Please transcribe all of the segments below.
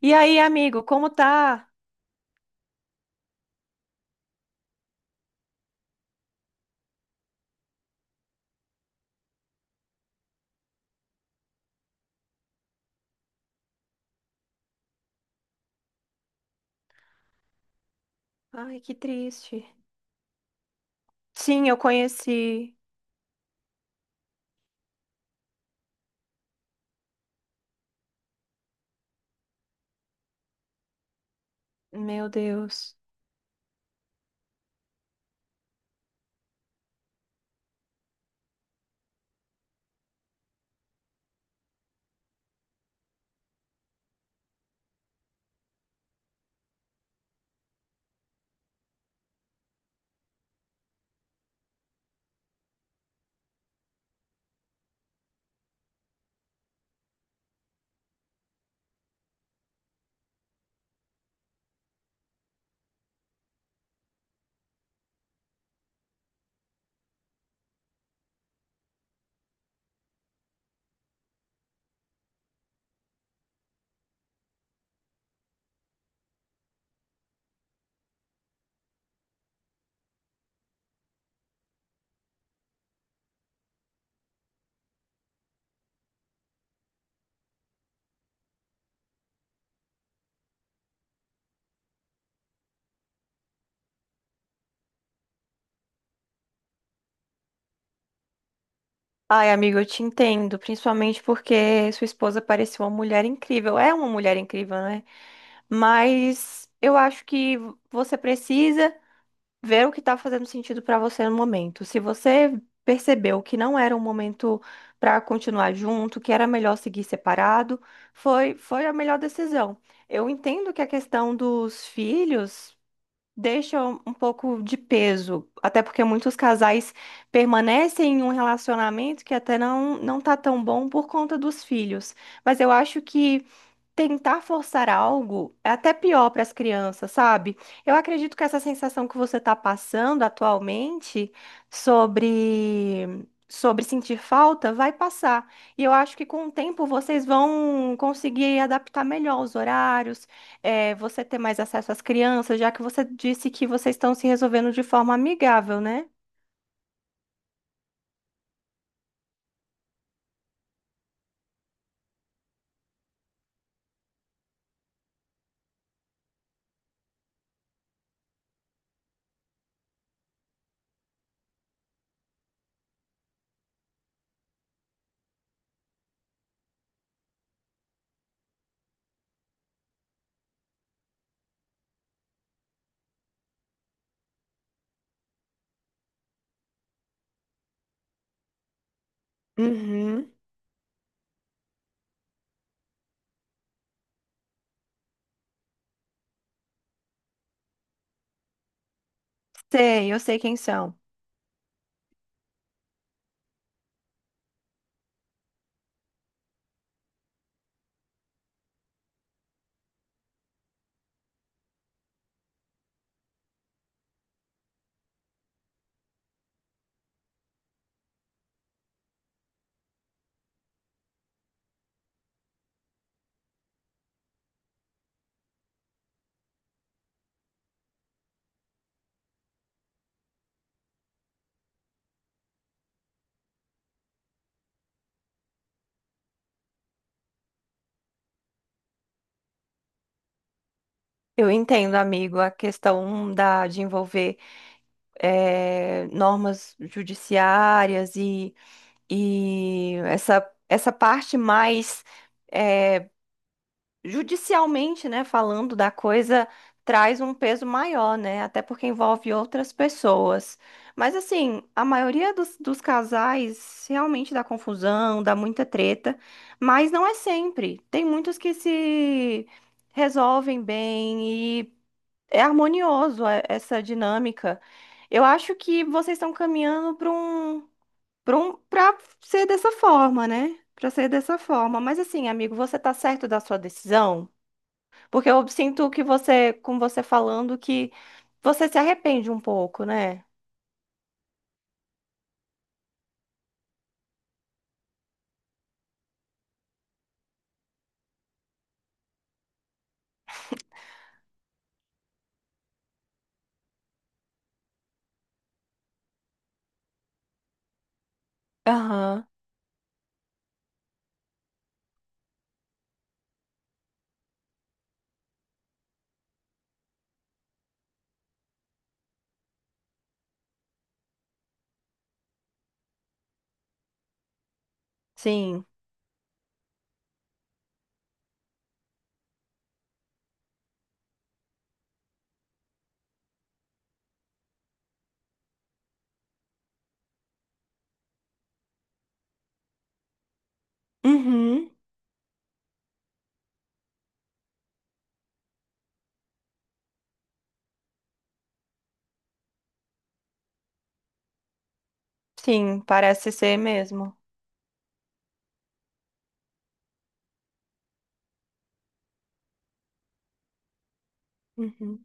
E aí, amigo, como tá? Ai, que triste. Sim, eu conheci. Meu Deus. Ai, amigo, eu te entendo, principalmente porque sua esposa parecia uma mulher incrível. É uma mulher incrível, né? Mas eu acho que você precisa ver o que tá fazendo sentido pra você no momento. Se você percebeu que não era um momento pra continuar junto, que era melhor seguir separado, foi a melhor decisão. Eu entendo que a questão dos filhos deixa um pouco de peso, até porque muitos casais permanecem em um relacionamento que até não tá tão bom por conta dos filhos. Mas eu acho que tentar forçar algo é até pior para as crianças, sabe? Eu acredito que essa sensação que você está passando atualmente sobre sentir falta vai passar. E eu acho que com o tempo vocês vão conseguir adaptar melhor os horários, você ter mais acesso às crianças, já que você disse que vocês estão se resolvendo de forma amigável, né? Uhum. Sei, eu sei quem são. Eu entendo, amigo, a questão da, de envolver. Normas judiciárias e essa parte mais eh, judicialmente, né, falando da coisa, traz um peso maior, né? Até porque envolve outras pessoas. Mas assim, a maioria dos, dos casais realmente dá confusão, dá muita treta, mas não é sempre. Tem muitos que se resolvem bem, é harmonioso essa dinâmica. Eu acho que vocês estão caminhando para um, para um, para ser dessa forma, né? Para ser dessa forma. Mas assim, amigo, você tá certo da sua decisão? Porque eu sinto que você, com você falando, que você se arrepende um pouco, né? Aham, sim. Uhum, sim, parece ser mesmo. Uhum.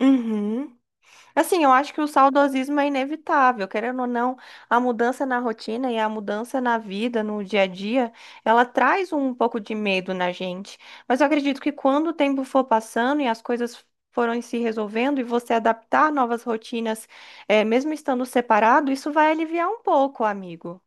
Uhum. Assim, eu acho que o saudosismo é inevitável, querendo ou não, a mudança na rotina e a mudança na vida, no dia a dia, ela traz um pouco de medo na gente. Mas eu acredito que quando o tempo for passando e as coisas forem se resolvendo e você adaptar novas rotinas, mesmo estando separado, isso vai aliviar um pouco, amigo.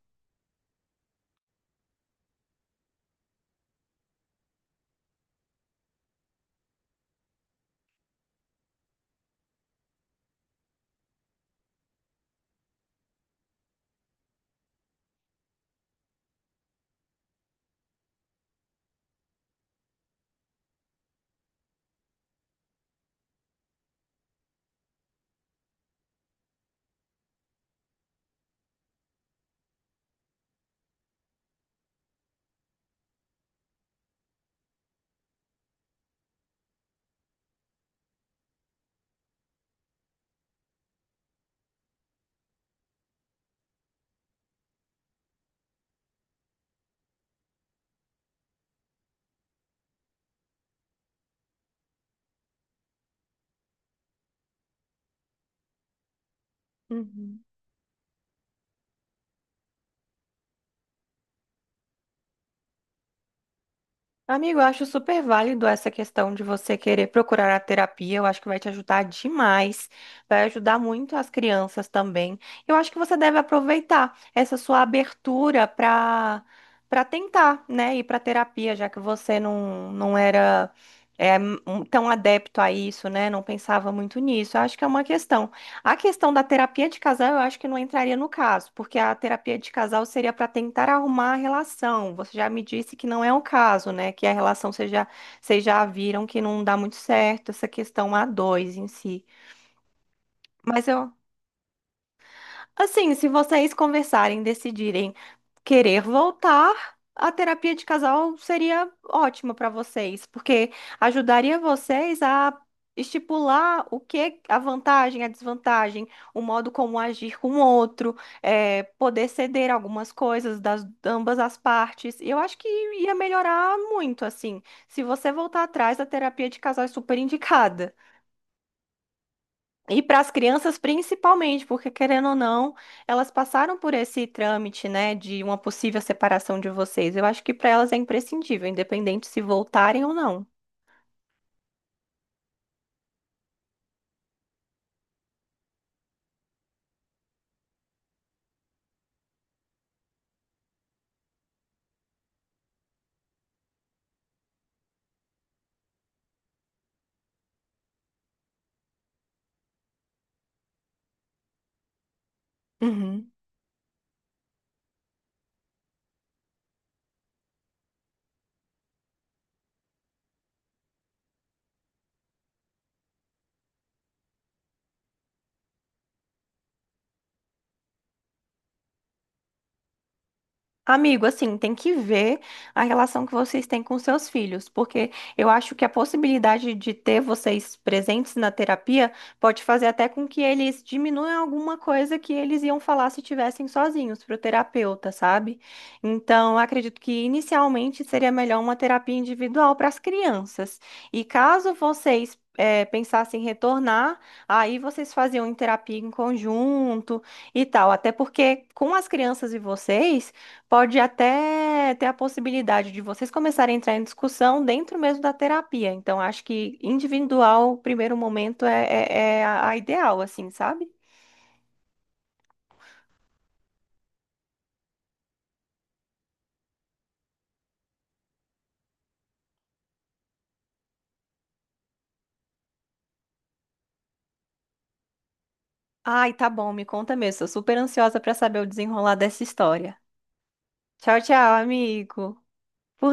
Uhum. Amigo, eu acho super válido essa questão de você querer procurar a terapia. Eu acho que vai te ajudar demais. Vai ajudar muito as crianças também. Eu acho que você deve aproveitar essa sua abertura para tentar, né, ir para terapia, já que você não, não era é, tão adepto a isso, né? Não pensava muito nisso. Eu acho que é uma questão. A questão da terapia de casal, eu acho que não entraria no caso, porque a terapia de casal seria para tentar arrumar a relação. Você já me disse que não é o caso, né? Que a relação vocês já viram que não dá muito certo, essa questão a dois em si. Mas eu, assim, se vocês conversarem, decidirem querer voltar, a terapia de casal seria ótima para vocês, porque ajudaria vocês a estipular o que é a vantagem, a desvantagem, o modo como agir com o outro, poder ceder algumas coisas das ambas as partes. E eu acho que ia melhorar muito, assim. Se você voltar atrás, a terapia de casal é super indicada. E para as crianças principalmente, porque querendo ou não, elas passaram por esse trâmite, né, de uma possível separação de vocês. Eu acho que para elas é imprescindível, independente se voltarem ou não. Uhum. Amigo, assim, tem que ver a relação que vocês têm com seus filhos, porque eu acho que a possibilidade de ter vocês presentes na terapia pode fazer até com que eles diminuam alguma coisa que eles iam falar se tivessem sozinhos para o terapeuta, sabe? Então, eu acredito que inicialmente seria melhor uma terapia individual para as crianças. E caso vocês pensassem em retornar, aí vocês faziam terapia em conjunto e tal, até porque com as crianças e vocês. Pode até ter a possibilidade de vocês começarem a entrar em discussão dentro mesmo da terapia. Então, acho que individual, primeiro momento, é a ideal, assim, sabe? Ai, tá bom, me conta mesmo. Sou super ansiosa pra saber o desenrolar dessa história. Tchau, tchau, amigo. Por